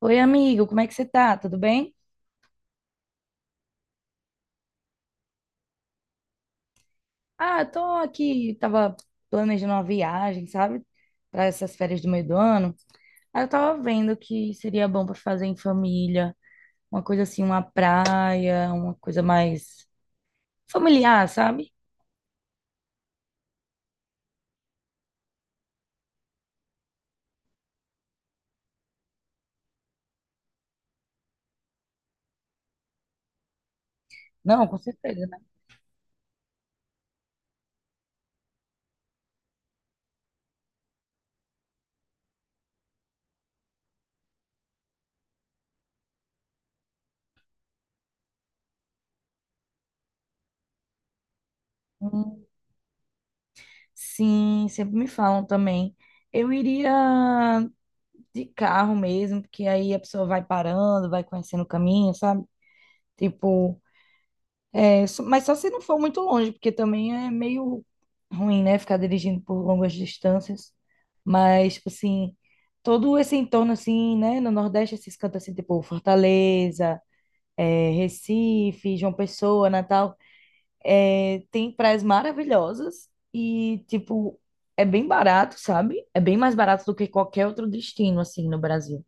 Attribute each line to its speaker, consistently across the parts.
Speaker 1: Oi, amigo, como é que você tá? Tudo bem? Ah, eu tô aqui, tava planejando uma viagem, sabe? Para essas férias do meio do ano. Aí eu tava vendo que seria bom para fazer em família, uma coisa assim, uma praia, uma coisa mais familiar, sabe? Não, com certeza, né? Hum, sim, sempre me falam também. Eu iria de carro mesmo, porque aí a pessoa vai parando, vai conhecendo o caminho, sabe? Tipo, mas só se não for muito longe, porque também é meio ruim, né? Ficar dirigindo por longas distâncias. Mas, tipo assim, todo esse entorno, assim, né? No Nordeste, esses cantos, assim, tipo Fortaleza, Recife, João Pessoa, Natal, tem praias maravilhosas e, tipo, é bem barato, sabe? É bem mais barato do que qualquer outro destino, assim, no Brasil.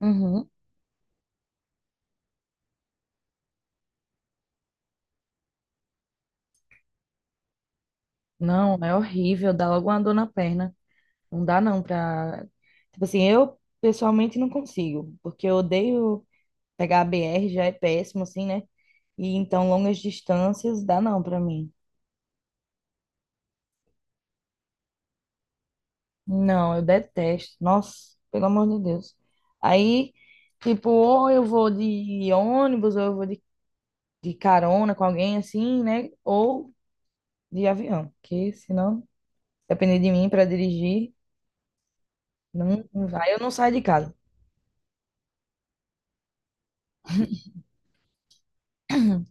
Speaker 1: Uhum. Não, é horrível, dá logo uma dor na perna. Não dá não pra. Tipo assim, eu pessoalmente não consigo, porque eu odeio pegar a BR, já é péssimo assim, né? E então longas distâncias dá não pra mim. Não, eu detesto. Nossa, pelo amor de Deus. Aí, tipo, ou eu vou de ônibus, ou eu vou de carona com alguém assim, né? Ou de avião, que senão, depender de mim para dirigir, não, não vai. Eu não saio de casa.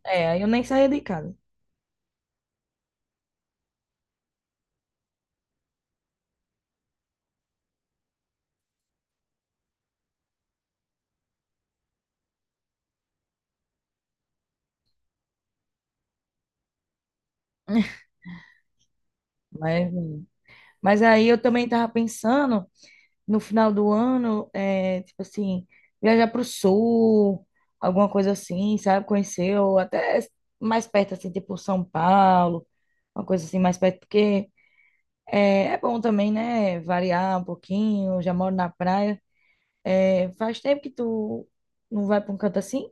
Speaker 1: É, aí eu nem saía de casa. Mas, mas aí eu também tava pensando no final do ano, é, tipo assim, viajar pro sul, alguma coisa assim, sabe? Conhecer, ou até mais perto, assim, tipo São Paulo, uma coisa assim mais perto, porque é bom também, né? Variar um pouquinho, já moro na praia. É, faz tempo que tu não vai pra um canto assim?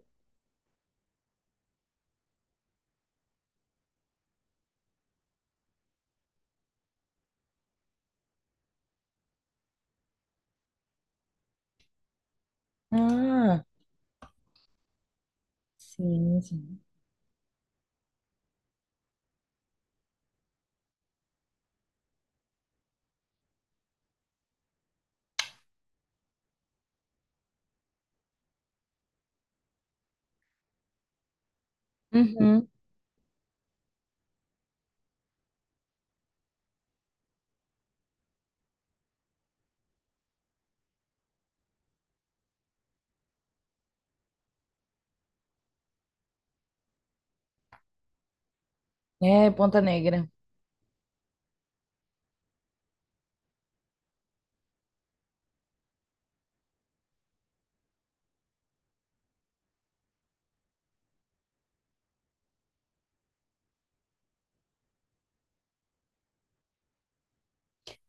Speaker 1: Ah, sim, sim. Uhum. É, Ponta Negra.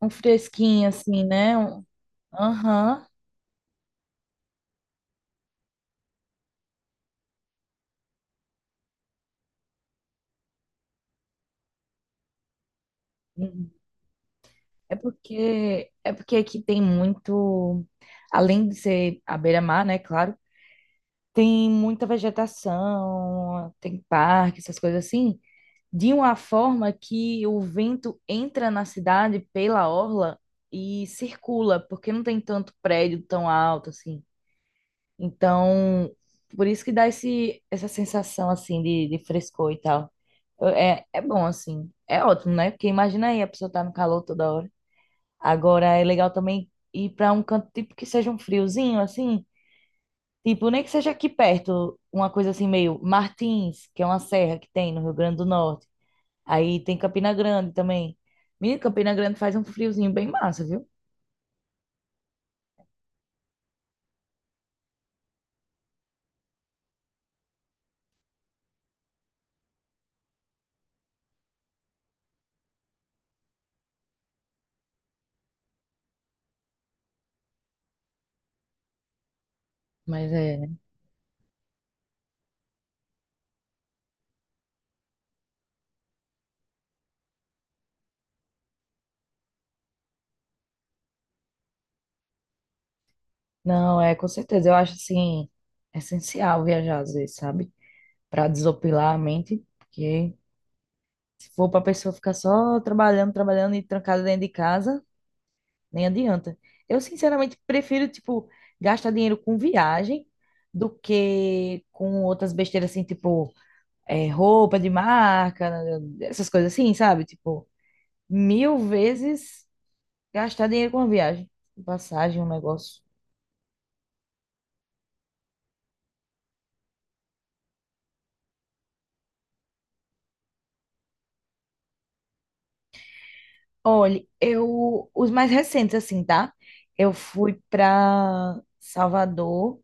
Speaker 1: Um fresquinho assim, né? Aham. É porque aqui tem muito, além de ser a beira-mar, né, claro, tem muita vegetação, tem parque, essas coisas assim, de uma forma que o vento entra na cidade pela orla e circula, porque não tem tanto prédio tão alto assim. Então, por isso que dá essa sensação assim de frescor e tal. É bom assim, é ótimo, né? Porque imagina aí a pessoa tá no calor toda hora. Agora é legal também ir para um canto tipo que seja um friozinho, assim, tipo, nem que seja aqui perto, uma coisa assim meio Martins, que é uma serra que tem no Rio Grande do Norte. Aí tem Campina Grande também. Menino, Campina Grande faz um friozinho bem massa, viu? Mas é, né? Não, é com certeza, eu acho assim essencial viajar às vezes, sabe? Para desopilar a mente, porque se for para pessoa ficar só trabalhando, trabalhando e trancada dentro de casa, nem adianta. Eu, sinceramente, prefiro, tipo, gastar dinheiro com viagem do que com outras besteiras, assim, tipo, roupa de marca, né, essas coisas assim, sabe? Tipo, mil vezes gastar dinheiro com uma viagem, passagem, um negócio. Olha, eu, os mais recentes, assim, tá? Eu fui pra Salvador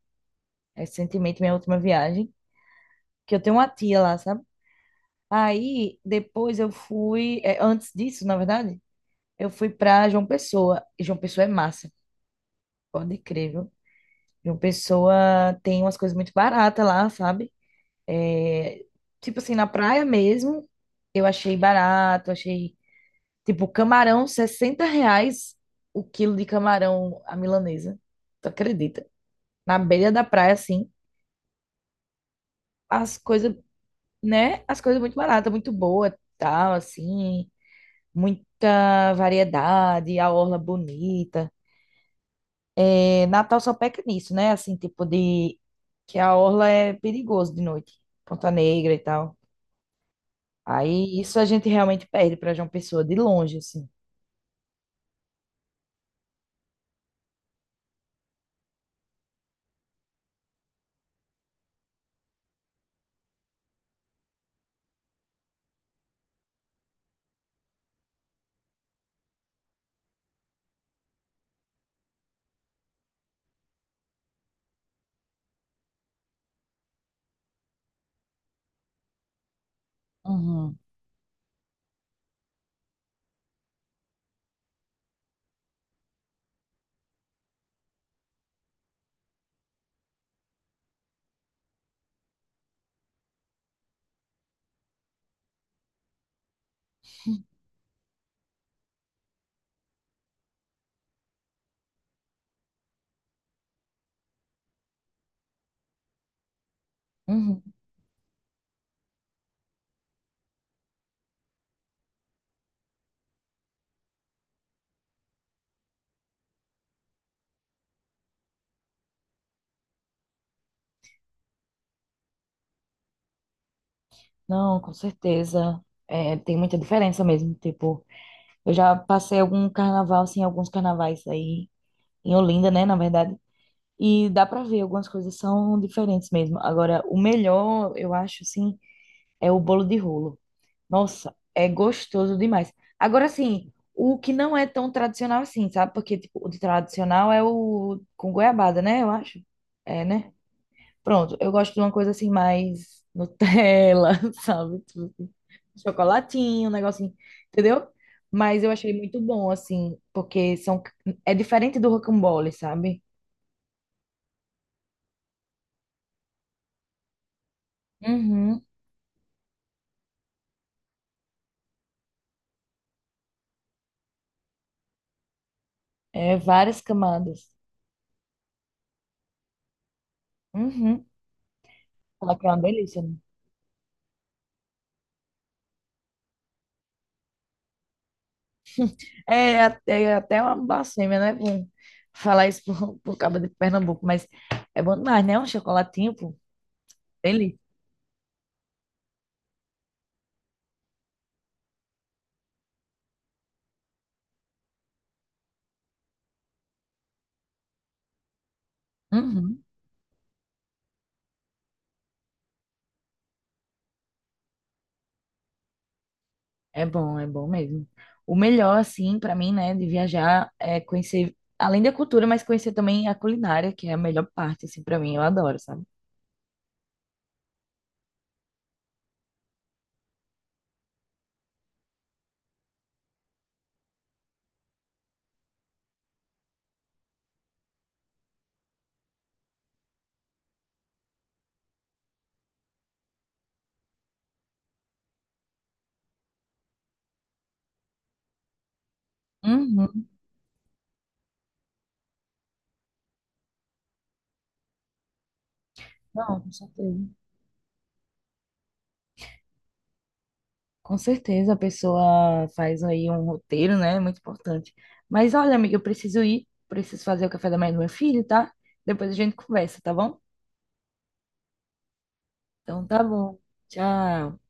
Speaker 1: recentemente, minha última viagem, que eu tenho uma tia lá, sabe? Aí, depois eu fui, é, antes disso, na verdade. Eu fui pra João Pessoa. E João Pessoa é massa, pode crer, viu? João Pessoa tem umas coisas muito baratas lá, sabe? É, tipo assim, na praia mesmo, eu achei barato, achei, tipo, camarão, R$ 60 o quilo de camarão à milanesa. Tu acredita? Na beira da praia, assim, as coisas, né? As coisas muito baratas, muito boa, tal, assim, muita variedade, a orla bonita. É, Natal só peca nisso, né? Assim, tipo de que a orla é perigoso de noite, Ponta Negra e tal. Aí isso a gente realmente perde para João Pessoa de longe, assim. Uhum. Uhum. Não, com certeza. É, tem muita diferença mesmo. Tipo, eu já passei algum carnaval, assim, alguns carnavais aí em Olinda, né, na verdade. E dá pra ver, algumas coisas são diferentes mesmo. Agora, o melhor, eu acho, assim, é o bolo de rolo. Nossa, é gostoso demais. Agora, assim, o que não é tão tradicional assim, sabe? Porque, tipo, o de tradicional é o com goiabada, né? Eu acho. É, né? Pronto, eu gosto de uma coisa assim, mais Nutella, sabe? Tipo assim, chocolatinho, um negocinho, entendeu? Mas eu achei muito bom, assim, porque são, é diferente do rocambole, sabe? Uhum. É várias camadas. Uhum. Fala que é uma delícia, né? É até uma blasfêmia, né? Bom, falar isso por causa de Pernambuco, mas é bom demais, né? Um chocolatinho, pô, dele. Uhum. É bom mesmo. O melhor, assim, pra mim, né, de viajar é conhecer, além da cultura, mas conhecer também a culinária, que é a melhor parte, assim, pra mim, eu adoro, sabe? Uhum. Não, com certeza. Com certeza a pessoa faz aí um roteiro, né? É muito importante. Mas olha, amiga, eu preciso ir, preciso fazer o café da manhã do meu filho, tá? Depois a gente conversa, tá bom? Então tá bom. Tchau.